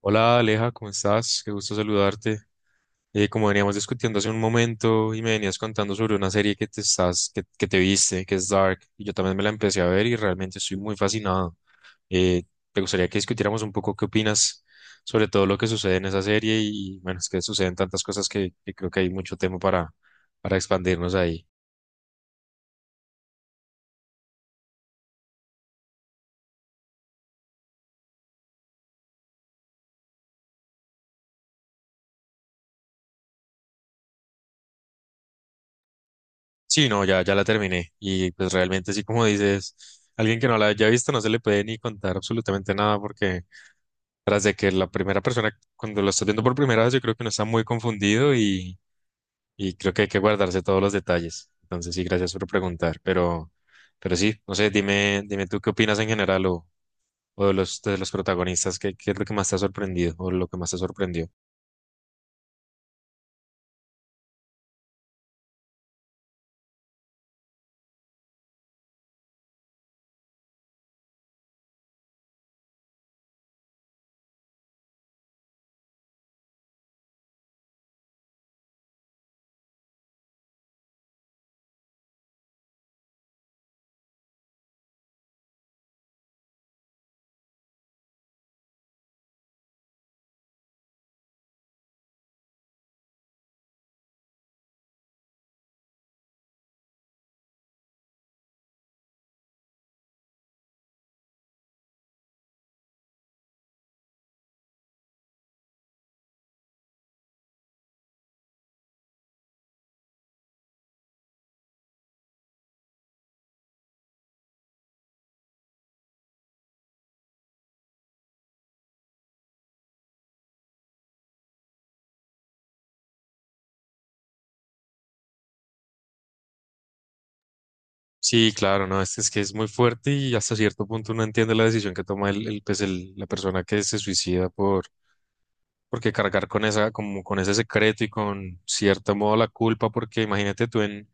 Hola Aleja, ¿cómo estás? Qué gusto saludarte. Como veníamos discutiendo hace un momento y me venías contando sobre una serie que te viste, que es Dark, y yo también me la empecé a ver y realmente estoy muy fascinado. Eh, Me gustaría que discutiéramos un poco qué opinas sobre todo lo que sucede en esa serie y bueno, es que suceden tantas cosas que creo que hay mucho tema para expandirnos ahí. Sí, no, ya la terminé y pues realmente sí, como dices, alguien que no la haya visto no se le puede ni contar absolutamente nada porque tras de que la primera persona, cuando lo está viendo por primera vez, yo creo que uno está muy confundido y creo que hay que guardarse todos los detalles. Entonces, sí, gracias por preguntar, pero sí, no sé, dime tú qué opinas en general o de de los protagonistas, qué es lo que más te ha sorprendido o lo que más te sorprendió. Sí, claro, no, es que es muy fuerte y hasta cierto punto uno entiende la decisión que toma la persona que se suicida porque cargar con esa, como con ese secreto y con cierto modo la culpa, porque imagínate tú en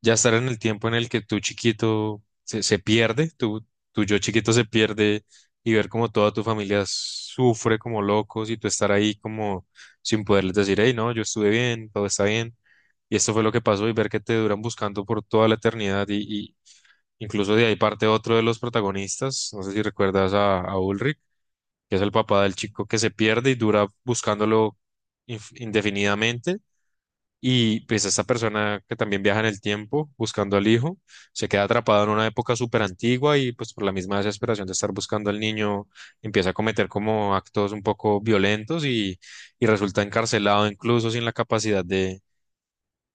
ya estar en el tiempo en el que tu chiquito se pierde, tu yo chiquito se pierde y ver como toda tu familia sufre como locos y tú estar ahí como sin poderles decir, hey, no, yo estuve bien, todo está bien. Y esto fue lo que pasó y ver que te duran buscando por toda la eternidad y incluso de ahí parte otro de los protagonistas, no sé si recuerdas a Ulrich, que es el papá del chico que se pierde y dura buscándolo indefinidamente y pues esta persona que también viaja en el tiempo buscando al hijo, se queda atrapada en una época súper antigua y pues por la misma desesperación de estar buscando al niño, empieza a cometer como actos un poco violentos y resulta encarcelado incluso sin la capacidad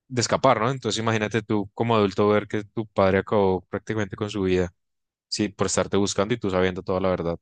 de escapar, ¿no? Entonces imagínate tú como adulto ver que tu padre acabó prácticamente con su vida, sí, por estarte buscando y tú sabiendo toda la verdad.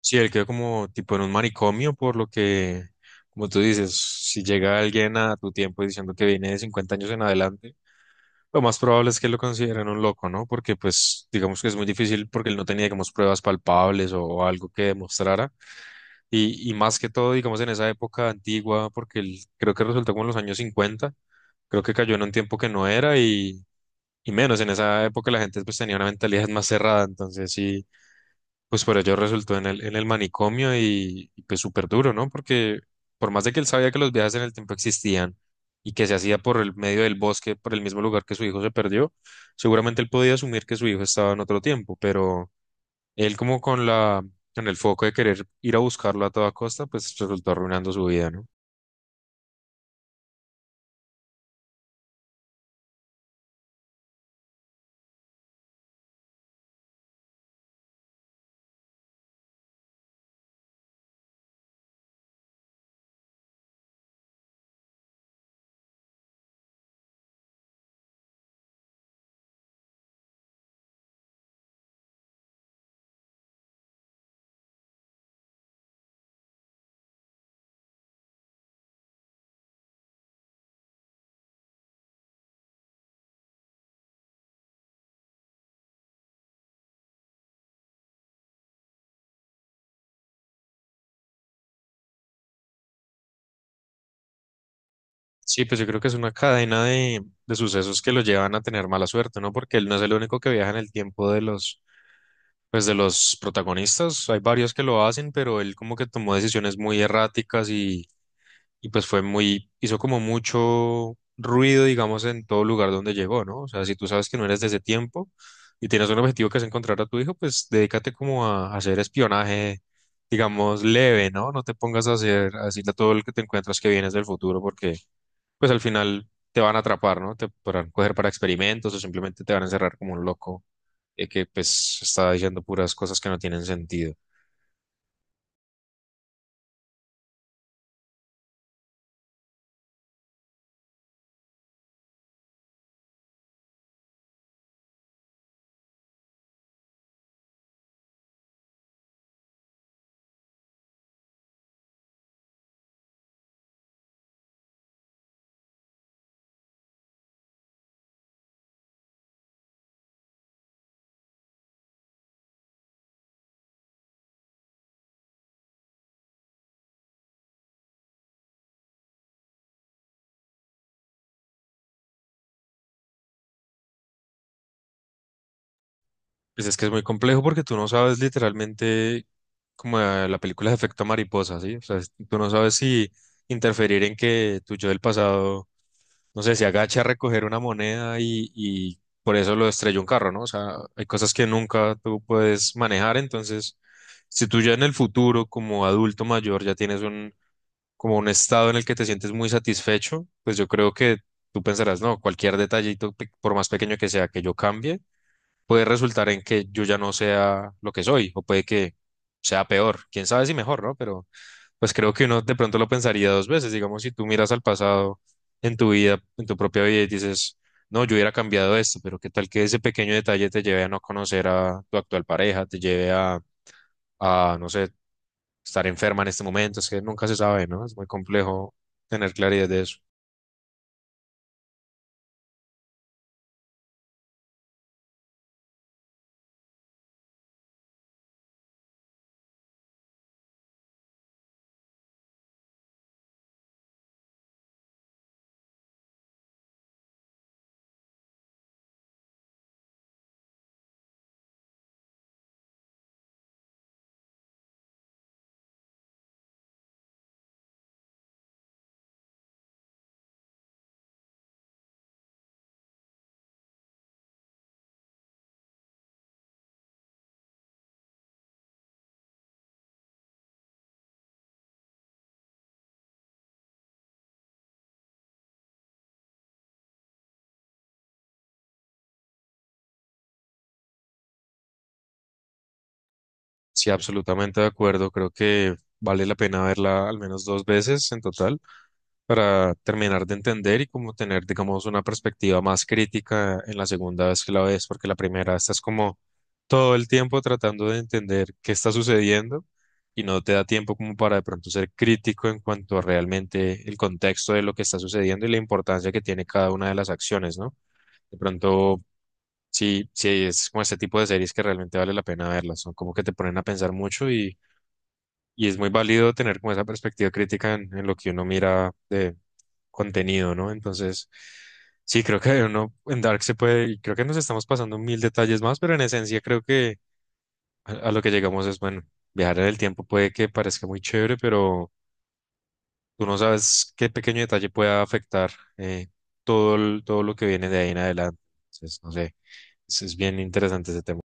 Sí, él quedó como tipo en un manicomio, por lo que, como tú dices, si llega alguien a tu tiempo diciendo que viene de 50 años en adelante, lo más probable es que lo consideren un loco, ¿no? Porque pues digamos que es muy difícil porque él no tenía, digamos, pruebas palpables o algo que demostrara. Y más que todo, digamos, en esa época antigua, porque él creo que resultó como en los años 50, creo que cayó en un tiempo que no era y menos, en esa época la gente pues tenía una mentalidad más cerrada, entonces sí, pues por ello resultó en en el manicomio pues súper duro, ¿no? Porque por más de que él sabía que los viajes en el tiempo existían y que se hacía por el medio del bosque, por el mismo lugar que su hijo se perdió, seguramente él podía asumir que su hijo estaba en otro tiempo, pero él como con con el foco de querer ir a buscarlo a toda costa, pues resultó arruinando su vida, ¿no? Sí, pues yo creo que es una cadena de sucesos que lo llevan a tener mala suerte, ¿no? Porque él no es el único que viaja en el tiempo de pues de los protagonistas. Hay varios que lo hacen, pero él como que tomó decisiones muy erráticas y pues fue muy, hizo como mucho ruido, digamos, en todo lugar donde llegó, ¿no? O sea, si tú sabes que no eres de ese tiempo y tienes un objetivo que es encontrar a tu hijo, pues dedícate como a hacer espionaje, digamos, leve, ¿no? No te pongas a hacer, a decirle a todo el que te encuentras que vienes del futuro porque pues al final te van a atrapar, ¿no? Te podrán coger para experimentos o simplemente te van a encerrar como un loco, que pues está diciendo puras cosas que no tienen sentido. Pues es que es muy complejo porque tú no sabes literalmente como, la película de efecto mariposa, ¿sí? O sea, tú no sabes si interferir en que tu yo del pasado, no sé, se agache a recoger una moneda y por eso lo estrelló un carro, ¿no? O sea, hay cosas que nunca tú puedes manejar, entonces si tú ya en el futuro, como adulto mayor, ya tienes un como un estado en el que te sientes muy satisfecho, pues yo creo que tú pensarás, no, cualquier detallito, por más pequeño que sea, que yo cambie, puede resultar en que yo ya no sea lo que soy, o puede que sea peor, quién sabe si mejor, ¿no? Pero pues creo que uno de pronto lo pensaría dos veces, digamos, si tú miras al pasado en tu vida, en tu propia vida y dices, no, yo hubiera cambiado esto, pero qué tal que ese pequeño detalle te lleve a no conocer a tu actual pareja, te lleve a, no sé, estar enferma en este momento, es que nunca se sabe, ¿no? Es muy complejo tener claridad de eso. Sí, absolutamente de acuerdo, creo que vale la pena verla al menos dos veces en total para terminar de entender y como tener, digamos, una perspectiva más crítica en la segunda vez que la ves, porque la primera estás como todo el tiempo tratando de entender qué está sucediendo y no te da tiempo como para de pronto ser crítico en cuanto a realmente el contexto de lo que está sucediendo y la importancia que tiene cada una de las acciones, ¿no? De pronto sí, sí, es como este tipo de series que realmente vale la pena verlas, son como que te ponen a pensar mucho y es muy válido tener como esa perspectiva crítica en lo que uno mira de contenido, ¿no? Entonces, sí, creo que uno en Dark se puede, y creo que nos estamos pasando mil detalles más, pero en esencia creo que a lo que llegamos es, bueno, viajar en el tiempo puede que parezca muy chévere, pero tú no sabes qué pequeño detalle pueda afectar, eh, todo, todo lo que viene de ahí en adelante. Entonces, no sé, es bien interesante ese tema.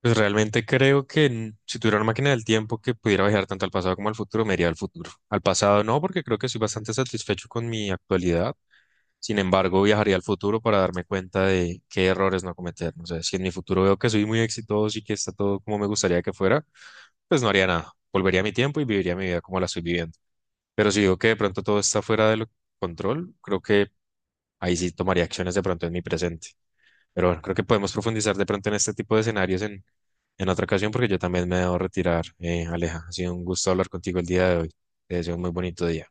Pues realmente creo que, si tuviera una máquina del tiempo que pudiera viajar tanto al pasado como al futuro, me iría al futuro. Al pasado no, porque creo que soy bastante satisfecho con mi actualidad. Sin embargo, viajaría al futuro para darme cuenta de qué errores no cometer. No sé, si en mi futuro veo que soy muy exitoso y que está todo como me gustaría que fuera, pues no haría nada. Volvería a mi tiempo y viviría mi vida como la estoy viviendo. Pero si veo que de pronto todo está fuera de control, creo que ahí sí tomaría acciones de pronto en mi presente. Pero bueno, creo que podemos profundizar de pronto en este tipo de escenarios en otra ocasión porque yo también me debo retirar, Aleja. Ha sido un gusto hablar contigo el día de hoy. Te deseo un muy bonito día.